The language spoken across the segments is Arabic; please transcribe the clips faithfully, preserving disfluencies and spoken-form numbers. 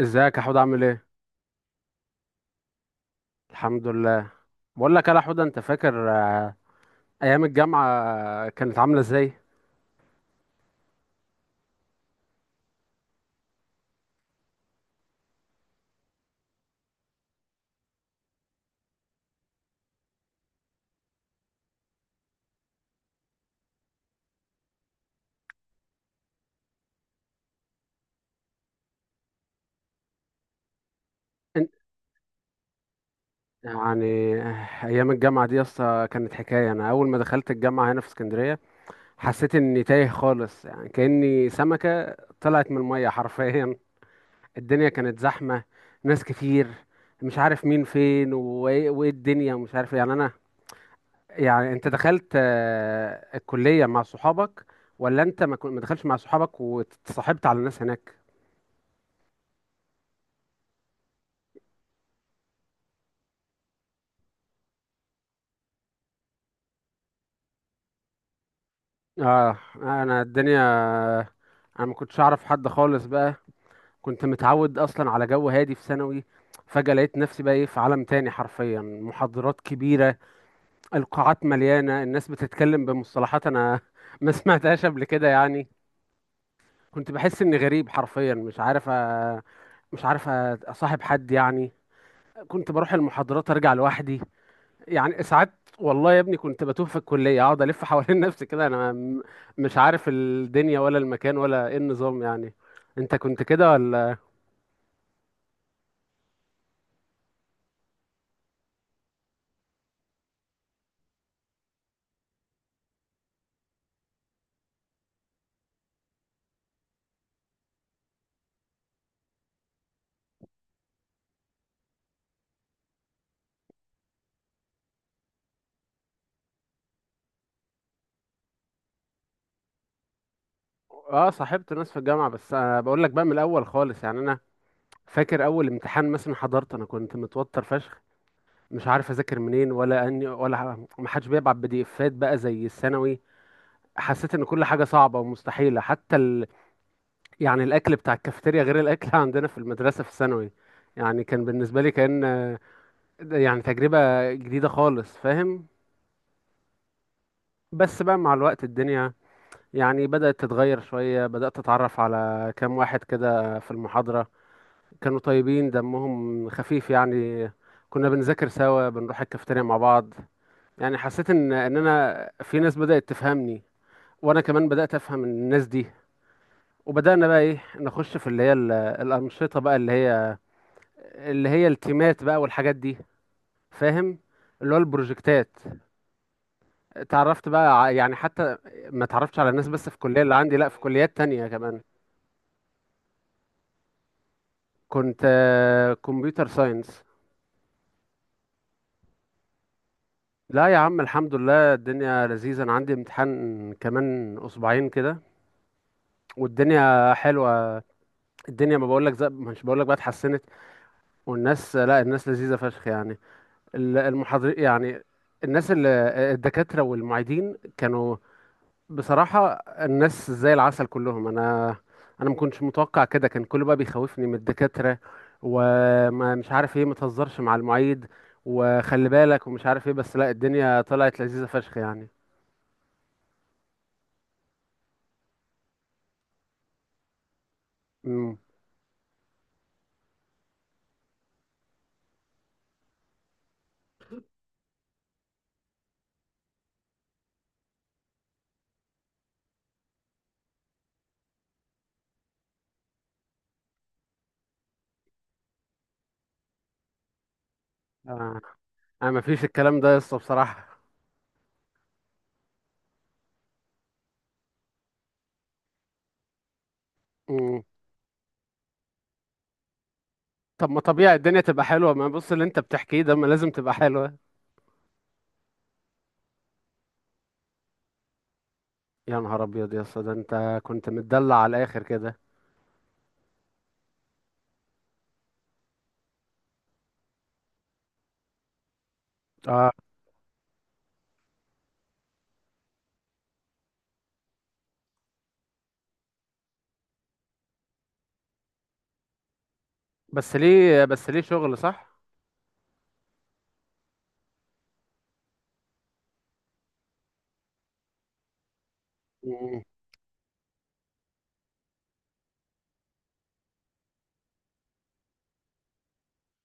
ازيك يا حوده، عامل ايه؟ الحمد لله. بقول لك يا حوده، انت فاكر آه، ايام الجامعه كانت عامله ازاي؟ انت. يعني آه، ايام الجامعه دي اصلا كانت حكايه. انا اول ما دخلت الجامعه هنا في اسكندريه حسيت اني تايه خالص، يعني كاني سمكه طلعت من الميه حرفيا. الدنيا كانت زحمه، ناس كتير، مش عارف مين فين وايه وإيه الدنيا ومش عارف إيه. يعني انا، يعني انت دخلت آه، الكلية مع صحابك ولا انت ما كن- ما دخلتش مع صحابك واتصاحبت على الناس هناك؟ اه، انا الدنيا، انا ما كنتش اعرف حد خالص بقى. كنت متعود اصلا على جو هادي في ثانوي، فجأة لقيت نفسي بقى ايه في عالم تاني حرفيا. محاضرات كبيرة، القاعات مليانة، الناس بتتكلم بمصطلحات انا ما سمعتهاش قبل كده يعني. كنت بحس اني غريب حرفيا، مش عارف أ... مش عارف أ- اصاحب حد يعني. كنت بروح المحاضرات ارجع لوحدي. يعني ساعات والله يا ابني كنت بتوه في الكلية، اقعد الف حوالين نفسي كده، انا م- مش عارف الدنيا ولا المكان ولا ايه النظام يعني. انت كنت كده ولا؟ اه، صاحبت ناس في الجامعة، بس انا بقول لك بقى من الاول خالص يعني. انا فاكر اول امتحان مثلا حضرت، انا كنت متوتر فشخ، مش عارف اذاكر منين ولا اني ولا ح- ما حدش بيبعت بي دي افات بقى زي الثانوي. حسيت ان كل حاجة صعبة ومستحيلة، حتى ال... يعني الاكل بتاع الكافيتيريا غير الاكل عندنا في المدرسة في الثانوي. يعني كان بالنسبة لي كأن ده يعني تجربة جديدة خالص، فاهم؟ بس بقى مع الوقت الدنيا يعني بدأت تتغير شوية، بدأت أتعرف على كام واحد كده في المحاضرة، كانوا طيبين دمهم خفيف يعني. كنا بنذاكر سوا، بنروح الكافيتيريا مع بعض. يعني حسيت إن إن أنا في ناس بدأت تفهمني، وأنا كمان بدأت أفهم الناس دي. وبدأنا بقى إيه نخش في اللي هي ال- الأنشطة بقى، اللي هي اللي هي التيمات بقى والحاجات دي، فاهم؟ اللي هو البروجكتات. اتعرفت بقى ع- يعني حتى ما اتعرفتش على الناس بس في الكلية اللي عندي، لا، في كليات تانية كمان. كنت كمبيوتر ساينس. لا يا عم، الحمد لله الدنيا لذيذة. انا عندي امتحان كمان اسبوعين كده، والدنيا حلوة. الدنيا، ما بقولك زي، مش بقولك بقى اتحسنت؟ والناس، لا، الناس لذيذة فشخ يعني. ال- المحاضر يعني، الناس اللي الدكاترة والمعيدين كانوا، بصراحة، الناس زي العسل كلهم. أنا أنا ما كنتش متوقع كده. كان كله بقى بيخوفني من الدكاترة، وما مش عارف إيه، ما تهزرش مع المعيد وخلي بالك ومش عارف إيه. بس لا، الدنيا طلعت لذيذة فشخ يعني. امم. آه. أنا ما فيش الكلام ده لسه بصراحة. امم. طب ما طبيعي الدنيا تبقى حلوة. ما بص اللي أنت بتحكيه ده ما لازم تبقى حلوة. يا نهار أبيض يا اسطى، ده أنت كنت متدلع على الآخر كده. آه، بس ليه بس ليه شغل صح؟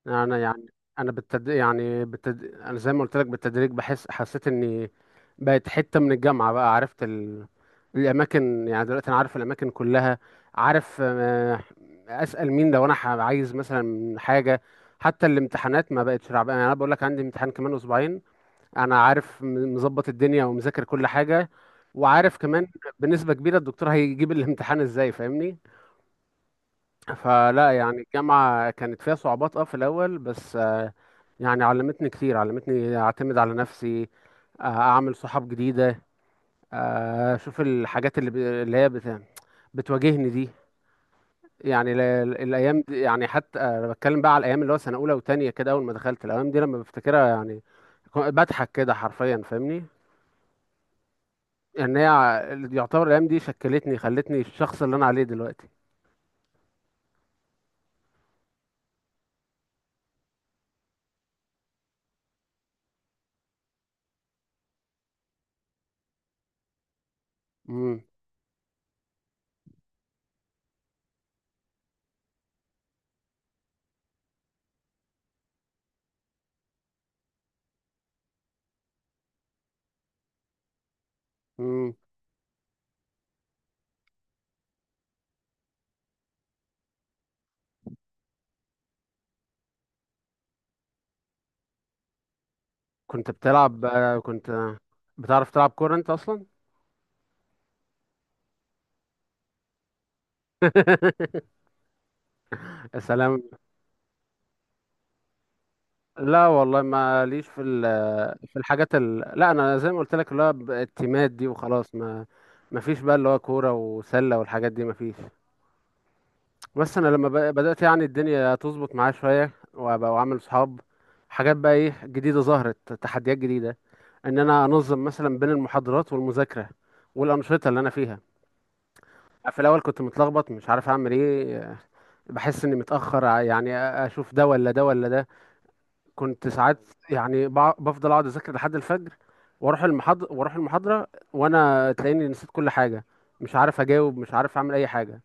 انا يعني، انا بالتد... يعني بالتد... انا زي ما قلت لك بالتدريج بحس حسيت اني بقت حته من الجامعه بقى. عرفت ال... الاماكن. يعني دلوقتي انا عارف الاماكن كلها، عارف آه، اسال مين لو انا ح- عايز مثلا حاجه. حتى الامتحانات ما بقتش رعب يعني. انا بقول لك عندي امتحان كمان اسبوعين، انا عارف م- مظبط الدنيا ومذاكر كل حاجه. وعارف كمان بنسبه كبيره الدكتور هيجيب الامتحان ازاي، فاهمني؟ فلا يعني الجامعة كانت فيها صعوبات، اه في الأول بس، آه، يعني علمتني كتير، علمتني أعتمد على نفسي، آه، أعمل صحاب جديدة، آه، أشوف الحاجات اللي ب- اللي هي بت... بتواجهني دي. يعني ال- ال- الأيام دي، يعني حتى أنا بتكلم بقى على الأيام اللي هو سنة أولى وتانية كده، أول ما دخلت. الأيام دي لما بفتكرها يعني ك- بضحك كده حرفيا، فاهمني؟ إن هي ع- يعتبر الأيام دي شكلتني، خلتني الشخص اللي أنا عليه دلوقتي. امم. امم. كنت بتلعب؟ كنت بتعرف تلعب كورة انت اصلا؟ يا سلام. لا والله ما ليش في ال... في الحاجات ال... لا انا زي ما قلت لك اللي هو ب- التيمات دي وخلاص. ما ما فيش بقى اللي هو كورة وسلة والحاجات دي، ما فيش. بس انا لما ب- بدأت يعني الدنيا تظبط معايا شوية، وابقى وعامل صحاب، حاجات بقى ايه جديدة، ظهرت تحديات جديدة. ان انا انظم مثلا بين المحاضرات والمذاكرة والأنشطة اللي انا فيها. في الاول كنت متلخبط، مش عارف اعمل ايه، بحس اني متاخر ع- يعني اشوف ده ولا ده ولا ده. كنت ساعات يعني بع- بفضل اقعد اذاكر لحد الفجر، واروح المحاضره واروح المحاضره، وانا تلاقيني نسيت كل حاجه، مش عارف اجاوب، مش عارف اعمل اي حاجه.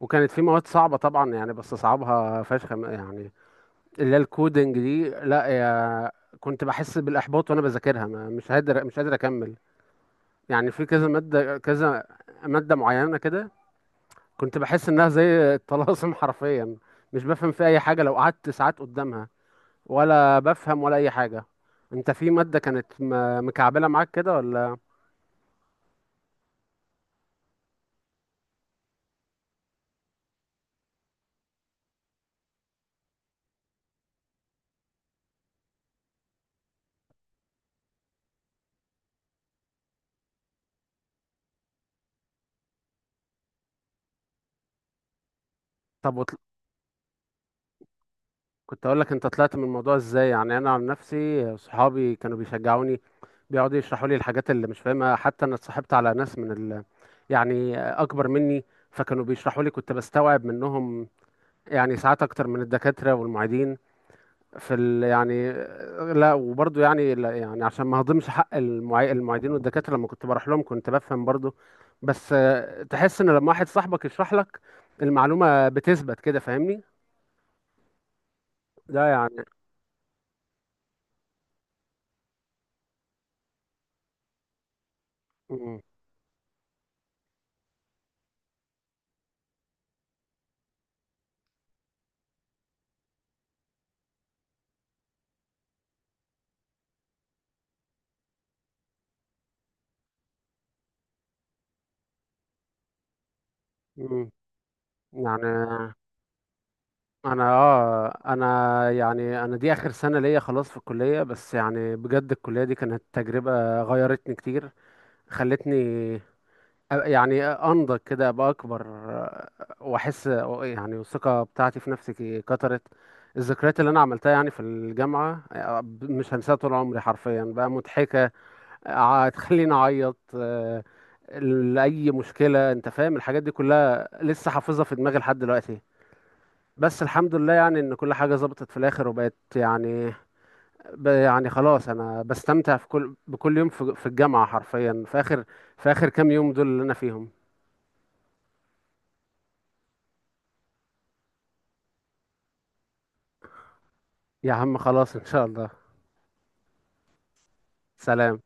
وكانت في مواد صعبه طبعا يعني بستصعبها فشخ يعني، اللي هي الكودنج دي، لا يا. كنت بحس بالاحباط وانا بذاكرها، ما- مش قادر مش قادر اكمل. يعني في كذا ماده، كذا ماده معينه كده، كنت بحس انها زي الطلاسم حرفيا. مش بفهم في اي حاجه لو قعدت ساعات قدامها، ولا بفهم ولا اي حاجه. انت في ماده كانت م- مكعبله معاك كده ولا؟ طب وطل... كنت اقول لك انت طلعت من الموضوع ازاي؟ يعني انا عن نفسي، صحابي كانوا بيشجعوني، بيقعدوا يشرحوا لي الحاجات اللي مش فاهمها. حتى انا اتصاحبت على ناس من ال... يعني اكبر مني، فكانوا بيشرحوا لي، كنت بستوعب منهم يعني ساعات اكتر من الدكاتره والمعيدين في ال... يعني. لا وبرضه يعني لا، يعني عشان ما هضمش حق المعي... المعيدين والدكاترة، لما كنت بروح لهم كنت بفهم برضه، بس آه، تحس ان لما واحد صاحبك يشرح لك المعلومة بتثبت كده، فاهمني؟ ده يعني. مم. مم. يعني انا اه انا يعني انا دي اخر سنة ليا خلاص في الكلية. بس يعني بجد الكلية دي كانت تجربة غيرتني كتير، خلتني يعني انضج كده، ابقى اكبر، واحس يعني الثقه بتاعتي في نفسي كترت. الذكريات اللي انا عملتها يعني في الجامعه مش هنساها طول عمري حرفيا، بقى مضحكه ع- تخليني اعيط، آه، لاي مشكله، انت فاهم؟ الحاجات دي كلها لسه حافظها في دماغي لحد دلوقتي. بس الحمد لله يعني ان كل حاجه ظبطت في الاخر وبقت يعني، ب- يعني خلاص انا بستمتع في كل بكل يوم في في الجامعه حرفيا. في اخر، في اخر كام يوم دول اللي انا فيهم. يا عم خلاص ان شاء الله. سلام.